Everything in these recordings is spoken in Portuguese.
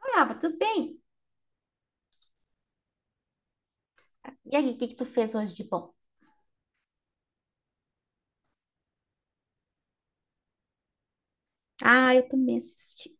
Brava, tudo bem? E aí, o que que tu fez hoje de bom? Ah, eu também assisti.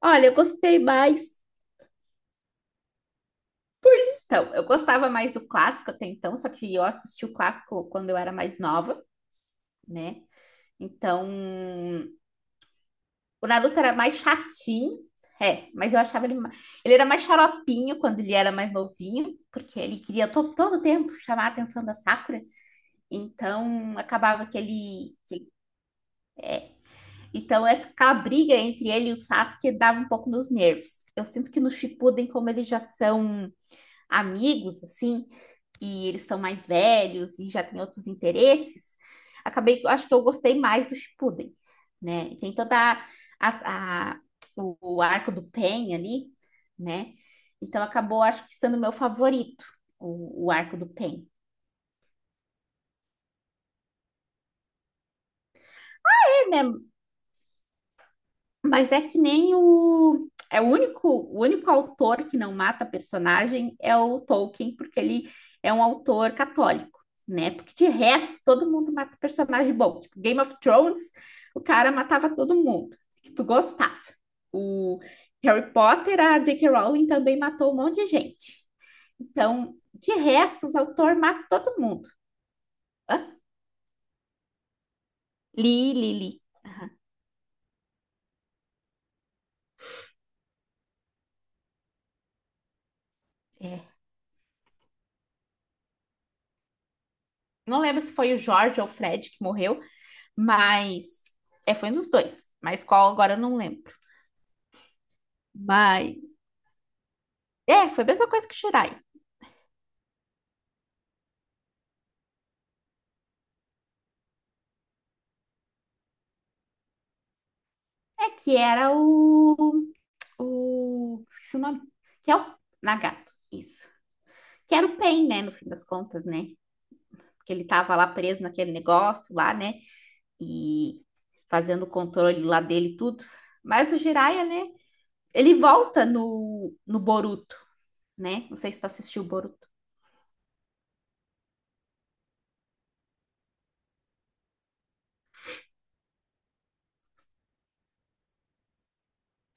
Olha, eu gostei mais. Então, eu gostava mais do clássico até então, só que eu assisti o clássico quando eu era mais nova, né? Então, o Naruto era mais chatinho, é, mas eu achava ele era mais xaropinho quando ele era mais novinho, porque ele queria todo tempo chamar a atenção da Sakura. Então, acabava que ele, que. Então, essa a briga entre ele e o Sasuke dava um pouco nos nervos. Eu sinto que no Shippuden, como eles já são amigos, assim, e eles estão mais velhos e já têm outros interesses, acabei, acho que eu gostei mais do Shippuden, né? E tem toda a- a- o arco do Pen ali, né? Então, acabou, acho que sendo o meu favorito, o arco do Pen. É, né? Mas é que nem o. É o único autor que não mata personagem é o Tolkien, porque ele é um autor católico, né? Porque de resto, todo mundo mata personagem bom. Tipo, Game of Thrones, o cara matava todo mundo que tu gostava. O Harry Potter, a J.K. Rowling também matou um monte de gente. Então, de resto, os autores matam todo mundo. Hã? Li, li, li. Aham, é. Não lembro se foi o Jorge ou o Fred que morreu. Mas. É, foi um dos dois. Mas qual agora eu não lembro. Mas. É, foi a mesma coisa que o Shirai. É que era o. O. Esqueci o nome. Que é o Nagato. Isso. Que era o Pain, né? No fim das contas, né? Porque ele tava lá preso naquele negócio lá, né? E fazendo o controle lá dele e tudo. Mas o Jiraiya, né? Ele volta no Boruto, né? Não sei se tu assistiu o Boruto.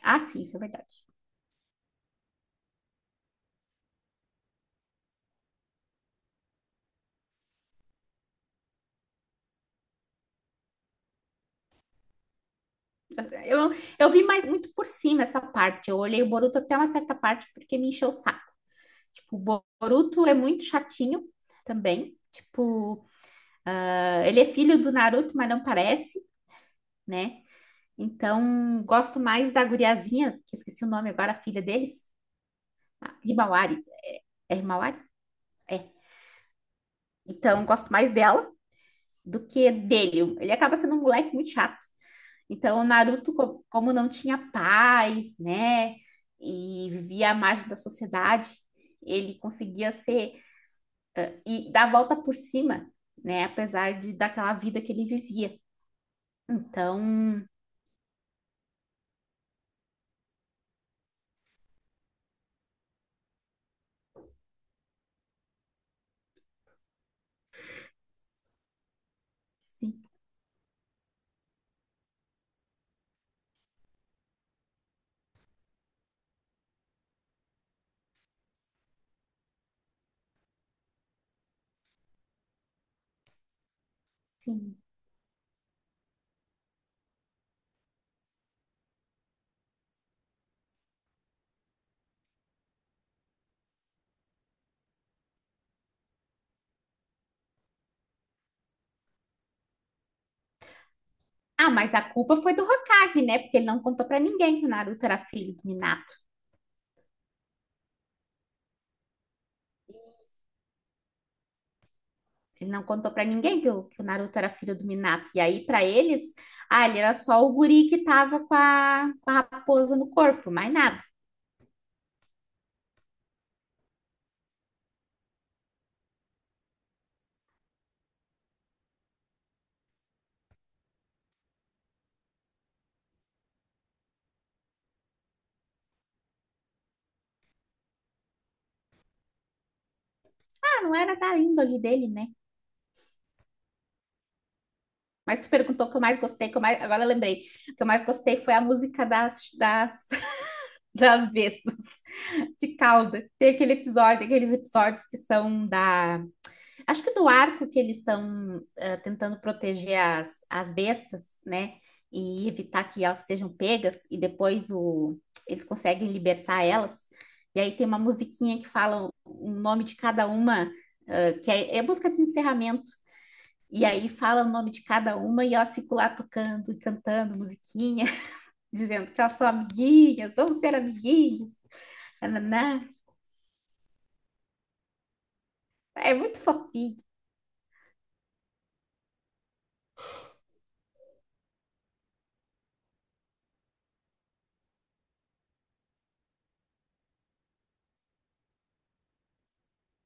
Ah, sim, isso é verdade. Eu, não- eu vi mais muito por cima essa parte. Eu olhei o Boruto até uma certa parte porque me encheu o saco. Tipo, o Boruto é muito chatinho também. Tipo, ah, ele é filho do Naruto, mas não parece, né? Então, gosto mais da guriazinha, que eu esqueci o nome agora, a filha deles, a Himawari. É Himawari? É. Então, gosto mais dela do que dele. Ele acaba sendo um moleque muito chato. Então, o Naruto, como não tinha paz, né, e vivia à margem da sociedade, ele conseguia ser e dar a volta por cima, né, apesar de daquela vida que ele vivia. Então, sim, sim. Ah, mas a culpa foi do Hokage, né? Porque ele não contou pra ninguém que o Naruto era filho do Minato. Ele não contou pra ninguém que o Naruto era filho do Minato. E aí, pra eles, ah, ele era só o guri que tava com a raposa no corpo, mais nada. Ah, não era da índole dele, né? Mas tu perguntou o que eu mais gostei, que eu mais. Agora eu lembrei. O que eu mais gostei foi a música das bestas, de cauda. Tem aquele episódio, aqueles episódios que são da. Acho que do arco que eles estão tentando proteger as bestas, né? E evitar que elas sejam pegas, e depois o. Eles conseguem libertar elas. E aí tem uma musiquinha que fala o nome de cada uma, que é música de encerramento. E aí fala o nome de cada uma e elas ficam lá tocando e cantando musiquinha, dizendo que elas são amiguinhas, vamos ser amiguinhas. Nananá. É muito fofinho.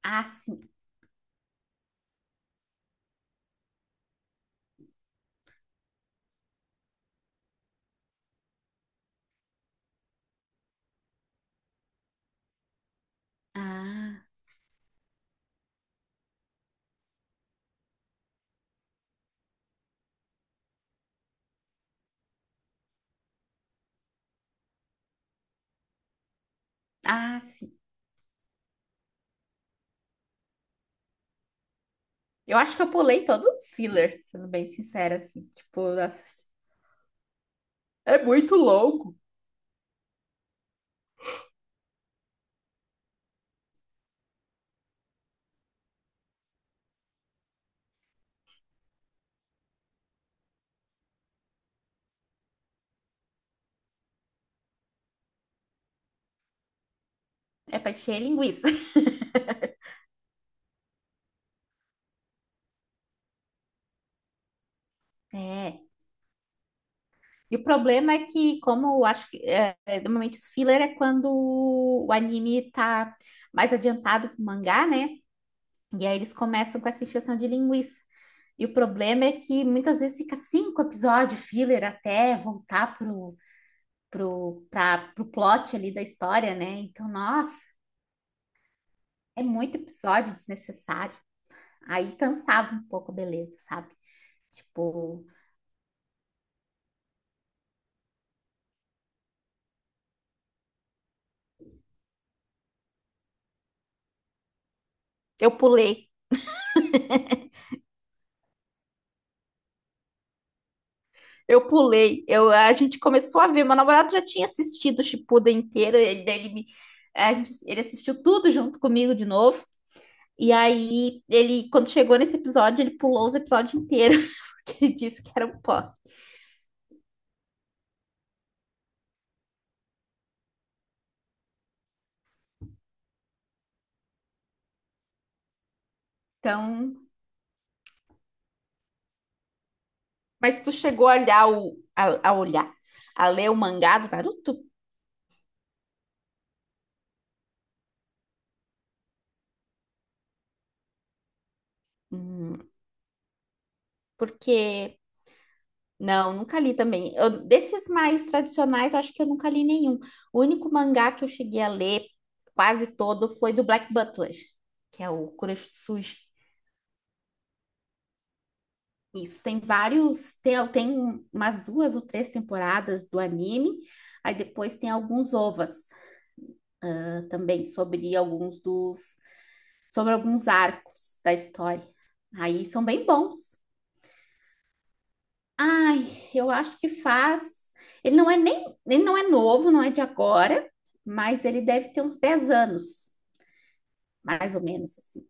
Ah, sim. Ah, ah, sim. Eu acho que eu pulei todos os filler, sendo bem sincera, assim. Tipo, nossa, é muito longo. É pra encher linguiça. É. E o problema é que, como eu acho que é, normalmente os filler é quando o anime tá mais adiantado que o mangá, né? E aí eles começam com essa encheção de linguiça. E o problema é que muitas vezes fica cinco episódios filler até voltar pro plot ali da história, né? Então, nossa, é muito episódio desnecessário. Aí cansava um pouco, beleza, sabe? Tipo. Eu pulei. Eu pulei. A gente começou a ver. Meu namorado já tinha assistido o Shippuden inteiro. Ele, me- a gente- ele assistiu tudo junto comigo de novo. E aí, ele, quando chegou nesse episódio, ele pulou os episódios inteiros, porque ele disse que era um pó. Então, mas tu chegou a olhar o, a olhar, a ler o mangá do Naruto? Hum, porque não, nunca li também. Desses mais tradicionais, eu acho que eu nunca li nenhum. O único mangá que eu cheguei a ler quase todo foi do Black Butler, que é o Kuroshitsuji. Isso, tem vários, tem umas duas ou três temporadas do anime, aí depois tem alguns ovas também sobre alguns arcos da história. Aí são bem bons. Ai, eu acho que faz, ele não é novo, não é de agora, mas ele deve ter uns 10 anos, mais ou menos assim.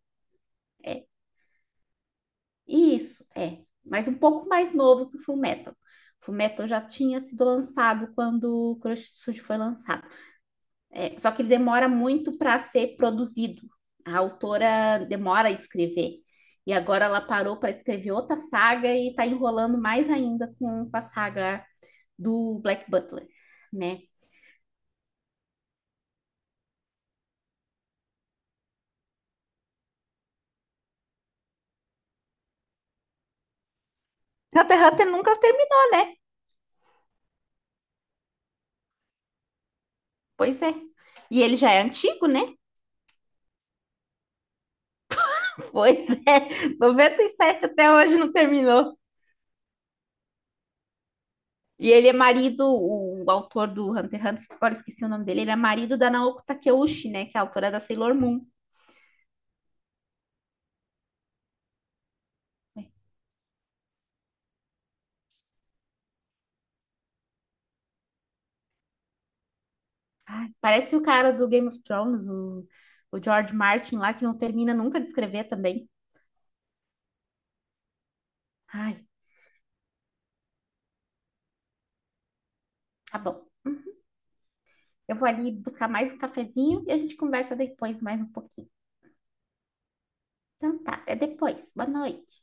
Isso, é. Mas um pouco mais novo que o Fullmetal. O Fullmetal já tinha sido lançado quando o Kuroshitsuji foi lançado. É, só que ele demora muito para ser produzido. A autora demora a escrever. E agora ela parou para escrever outra saga e está enrolando mais ainda com a saga do Black Butler, né? Hunter x Hunter nunca terminou, né? Pois é. E ele já é antigo, né? Pois é. 97 até hoje não terminou. E ele é marido, o autor do Hunter x Hunter, que agora esqueci o nome dele, ele é marido da Naoko Takeuchi, né? Que é a autora da Sailor Moon. Ai, parece o cara do Game of Thrones, o George Martin lá, que não termina nunca de escrever também. Ai, tá bom. Eu vou ali buscar mais um cafezinho e a gente conversa depois mais um pouquinho. Então tá, até depois. Boa noite.